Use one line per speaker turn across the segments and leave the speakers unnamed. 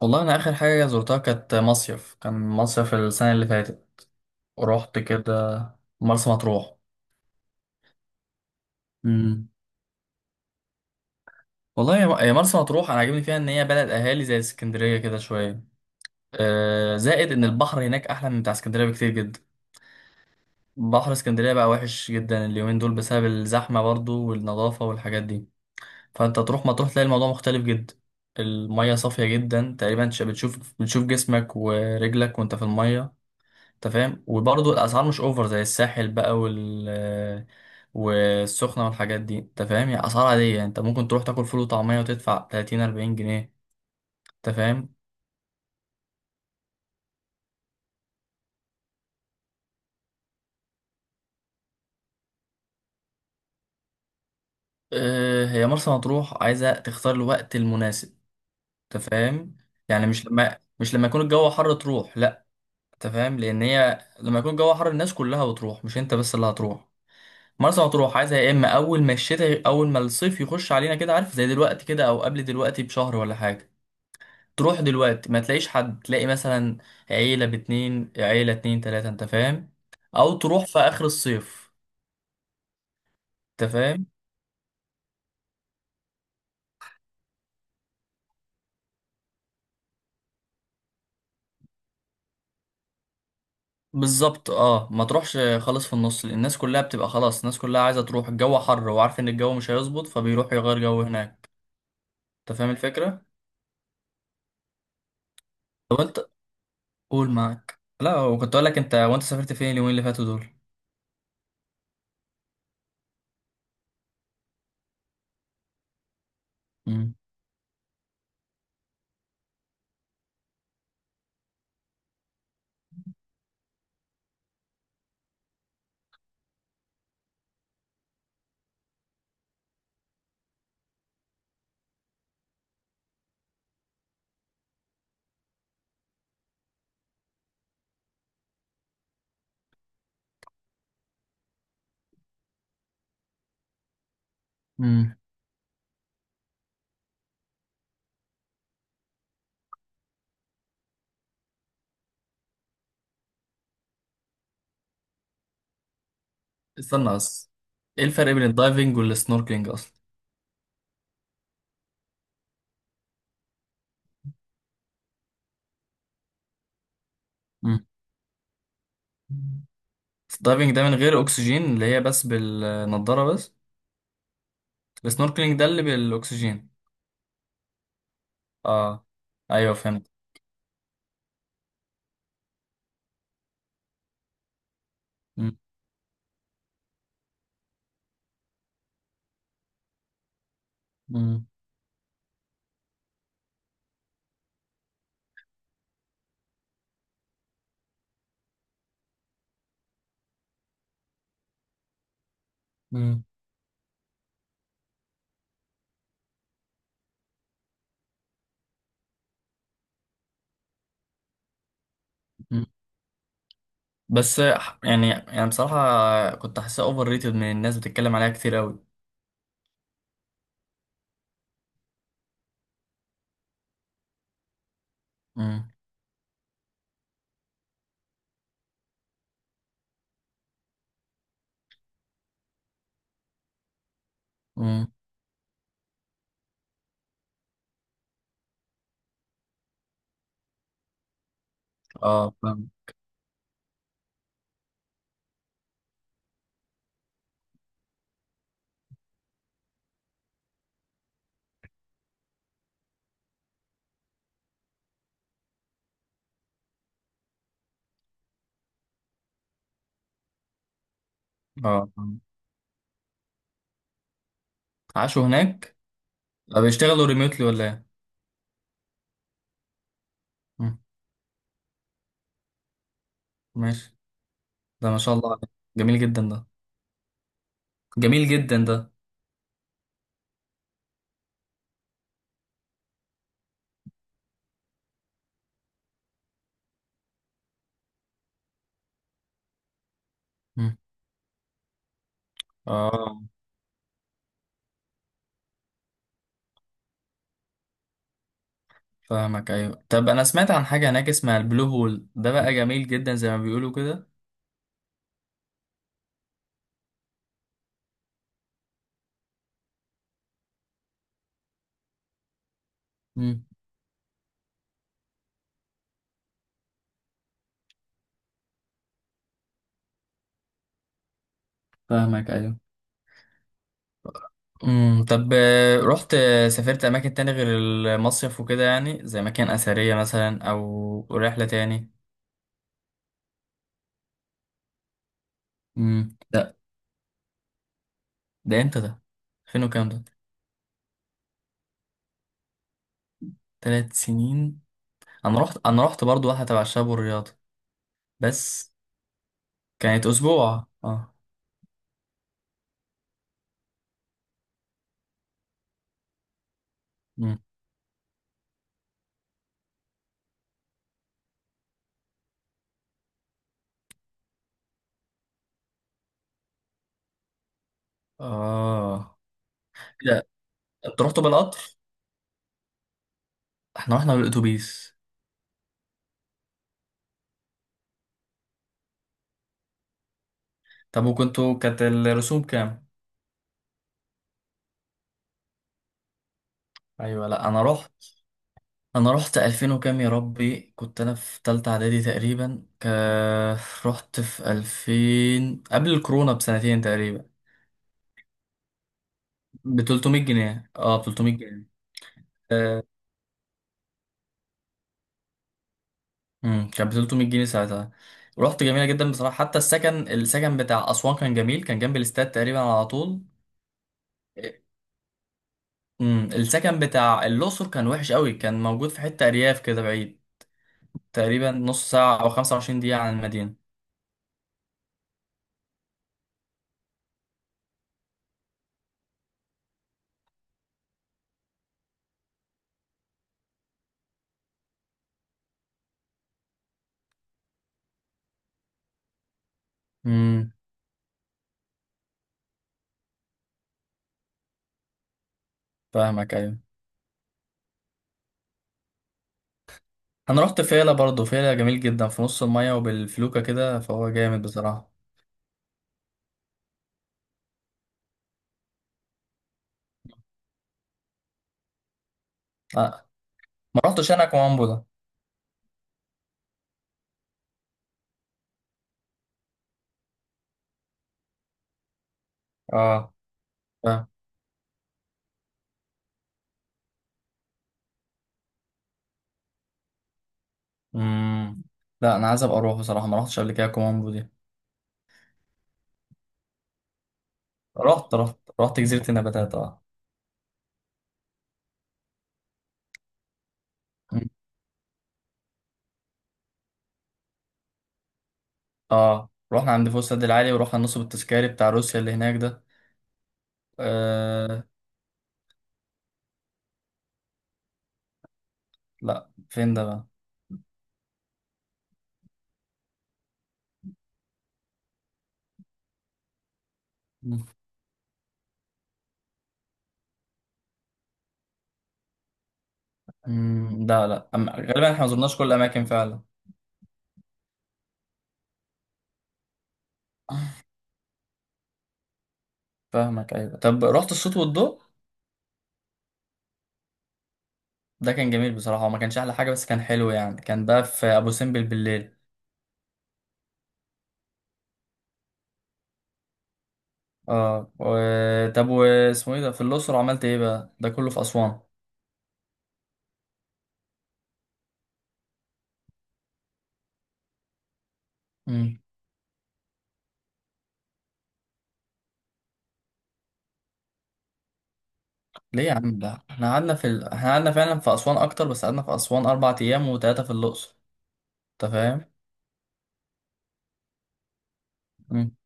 والله انا اخر حاجه زرتها كانت مصيف. كان مصيف السنه اللي فاتت ورحت كده مرسى مطروح. امم والله يا مرسى مطروح انا عاجبني فيها ان هي بلد اهالي زي اسكندريه كده شويه. زائد ان البحر هناك احلى من بتاع اسكندريه بكتير جدا. بحر اسكندريه بقى وحش جدا اليومين دول بسبب الزحمه، برضو، والنظافه والحاجات دي. فانت تروح مطروح تلاقي الموضوع مختلف جدا. الميه صافيه جدا تقريبا، بتشوف جسمك ورجلك وانت في الميه. انت فاهم؟ وبرضه الاسعار مش اوفر زي الساحل بقى، والسخنة والحاجات دي. انت فاهم؟ يعني اسعار عادية، يعني انت ممكن تروح تاكل فول وطعمية وتدفع 30 40 جنيه. انت فاهم؟ اه، هي مرسى مطروح عايزة تختار الوقت المناسب. انت فاهم؟ يعني مش لما يكون الجو حر تروح، لا. انت فاهم؟ لان هي لما يكون الجو حر الناس كلها بتروح، مش انت بس اللي هتروح. مرسى مطروح عايزة يا اما اول ما الشتاء، اول ما الصيف يخش علينا كده، عارف، زي دلوقتي كده او قبل دلوقتي بشهر ولا حاجة. تروح دلوقتي ما تلاقيش حد، تلاقي مثلا عيلة باتنين، عيلة اتنين تلاتة. انت فاهم؟ او تروح في اخر الصيف. انت فاهم؟ بالظبط. اه، ما تروحش خالص في النص، لأن الناس كلها بتبقى خلاص، الناس كلها عايزة تروح، الجو حر وعارف ان الجو مش هيظبط فبيروح يغير جو هناك. انت فاهم الفكرة؟ طب انت، قول. معاك، لا، وكنت اقول لك انت، وانت سافرت فين اليومين اللي فاتوا دول؟ امم. امم. استنى بس. ايه الفرق بين الدايفنج والسنوركلينج اصلا؟ امم. الدايفنج ده من غير اكسجين، اللي هي بس بالنضارة بس. السنوركلينج ده اللي بالاكسجين. اه. ايوه فهمت. مم. مم. مم. مم. بس يعني بصراحة كنت حاسسها اوفر ريتد من الناس بتتكلم عليها كتير قوي. مم. مم. اه، فاهم. اه، فاهم. عاشوا هناك؟ طب بيشتغلوا ريموتلي ولا ايه؟ مم. ماشي. ده ما شاء الله عليك. جميل جدا ده. جميل جدا ده. مم. اه. فاهمك. ايوه. طب انا سمعت عن حاجة هناك اسمها البلو هول، ده بقى جميل جدا زي ما بيقولوا كده. مم. فاهمك. ايوه. امم. طب رحت، سافرت اماكن تاني غير المصيف وكده، يعني زي مكان اثريه مثلا او رحله تاني؟ امم. ده، ده امتى ده؟ فين وكام ده؟ 3 سنين؟ انا رحت برضو واحده تبع الشباب والرياضه. بس كانت اسبوع، اه. امم. اه. لا، انتوا رحتوا بالقطر؟ احنا رحنا بالاتوبيس. طب وكنتوا كانت الرسوم كام؟ ايوه، لا انا رحت 2000 وكام، يا ربي، كنت انا في تالتة اعدادي تقريبا. رحت في 2000 قبل الكورونا بسنتين تقريبا. ب 300 جنيه، اه، ب 300 جنيه. آه، امم. كان ب 300 جنيه ساعتها. رحت جميلة جدا بصراحة. حتى السكن، السكن بتاع اسوان كان جميل، كان جنب الاستاد تقريبا على طول. امم. السكن بتاع الاقصر كان وحش قوي، كان موجود في حتة ارياف كده بعيد تقريبا نص ساعة او 25 دقيقة عن المدينة. امم. فاهمك. ايوه. انا رحت فيلا برضه، فيلا جميل جدا في نص المية وبالفلوكة كده، فهو جامد بصراحة. آه. ما رحتش انا كومامبو ده. اه، فاهم. مم. لا، انا عايز ابقى اروح بصراحة، ما رحتش قبل كده كومامبو دي. رحت جزيرة النباتات، اه. مم. اه، رحنا عند فوق السد العالي ورحنا النصب التذكاري بتاع روسيا اللي هناك ده. آه. لا، فين ده بقى؟ مم. مم. لا لا. غالبا احنا ما زرناش كل الاماكن فعلا. فاهمك. ايوه. طب رحت الصوت والضوء؟ ده كان جميل بصراحة، وما كانش أحلى حاجة، بس كان حلو يعني، كان بقى في أبو سمبل بالليل. اه. و... طب واسمه ايه ده في الأقصر عملت ايه بقى؟ ده كله في أسوان. مم. ليه يا عم؟ ده احنا قعدنا في احنا قعدنا فعلا في أسوان أكتر، بس قعدنا في أسوان 4 أيام وتلاتة في الأقصر. أنت فاهم؟ مم.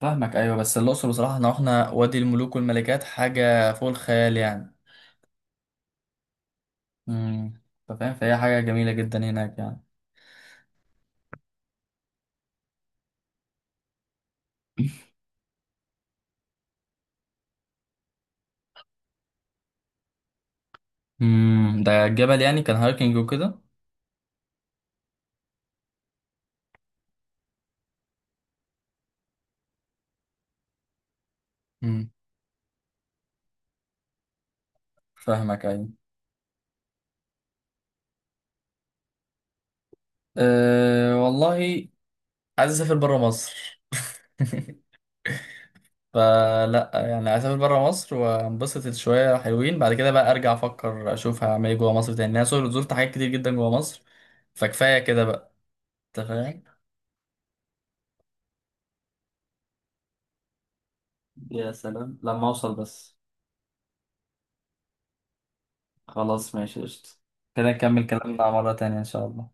فاهمك. أيوة. بس الأقصر بصراحة، احنا رحنا وادي الملوك والملكات، حاجة فوق الخيال يعني. مم. أنت فاهم؟ فهي حاجة جميلة جدا هناك يعني. مم. ده الجبل، يعني كان هايكنج وكده. مم. فاهمك. أيوة. أه، والله، عايز اسافر بره مصر. فلا يعني عايز اسافر بره مصر وانبسط شويه حلوين، بعد كده بقى ارجع افكر اشوف هعمل ايه جوه مصر تاني. انا زرت حاجات كتير جدا جوه مصر، فكفايه كده بقى. انت فاهم؟ يا سلام لما اوصل بس. خلاص ماشي، قشطة. كده نكمل كلامنا مره تانية ان شاء الله.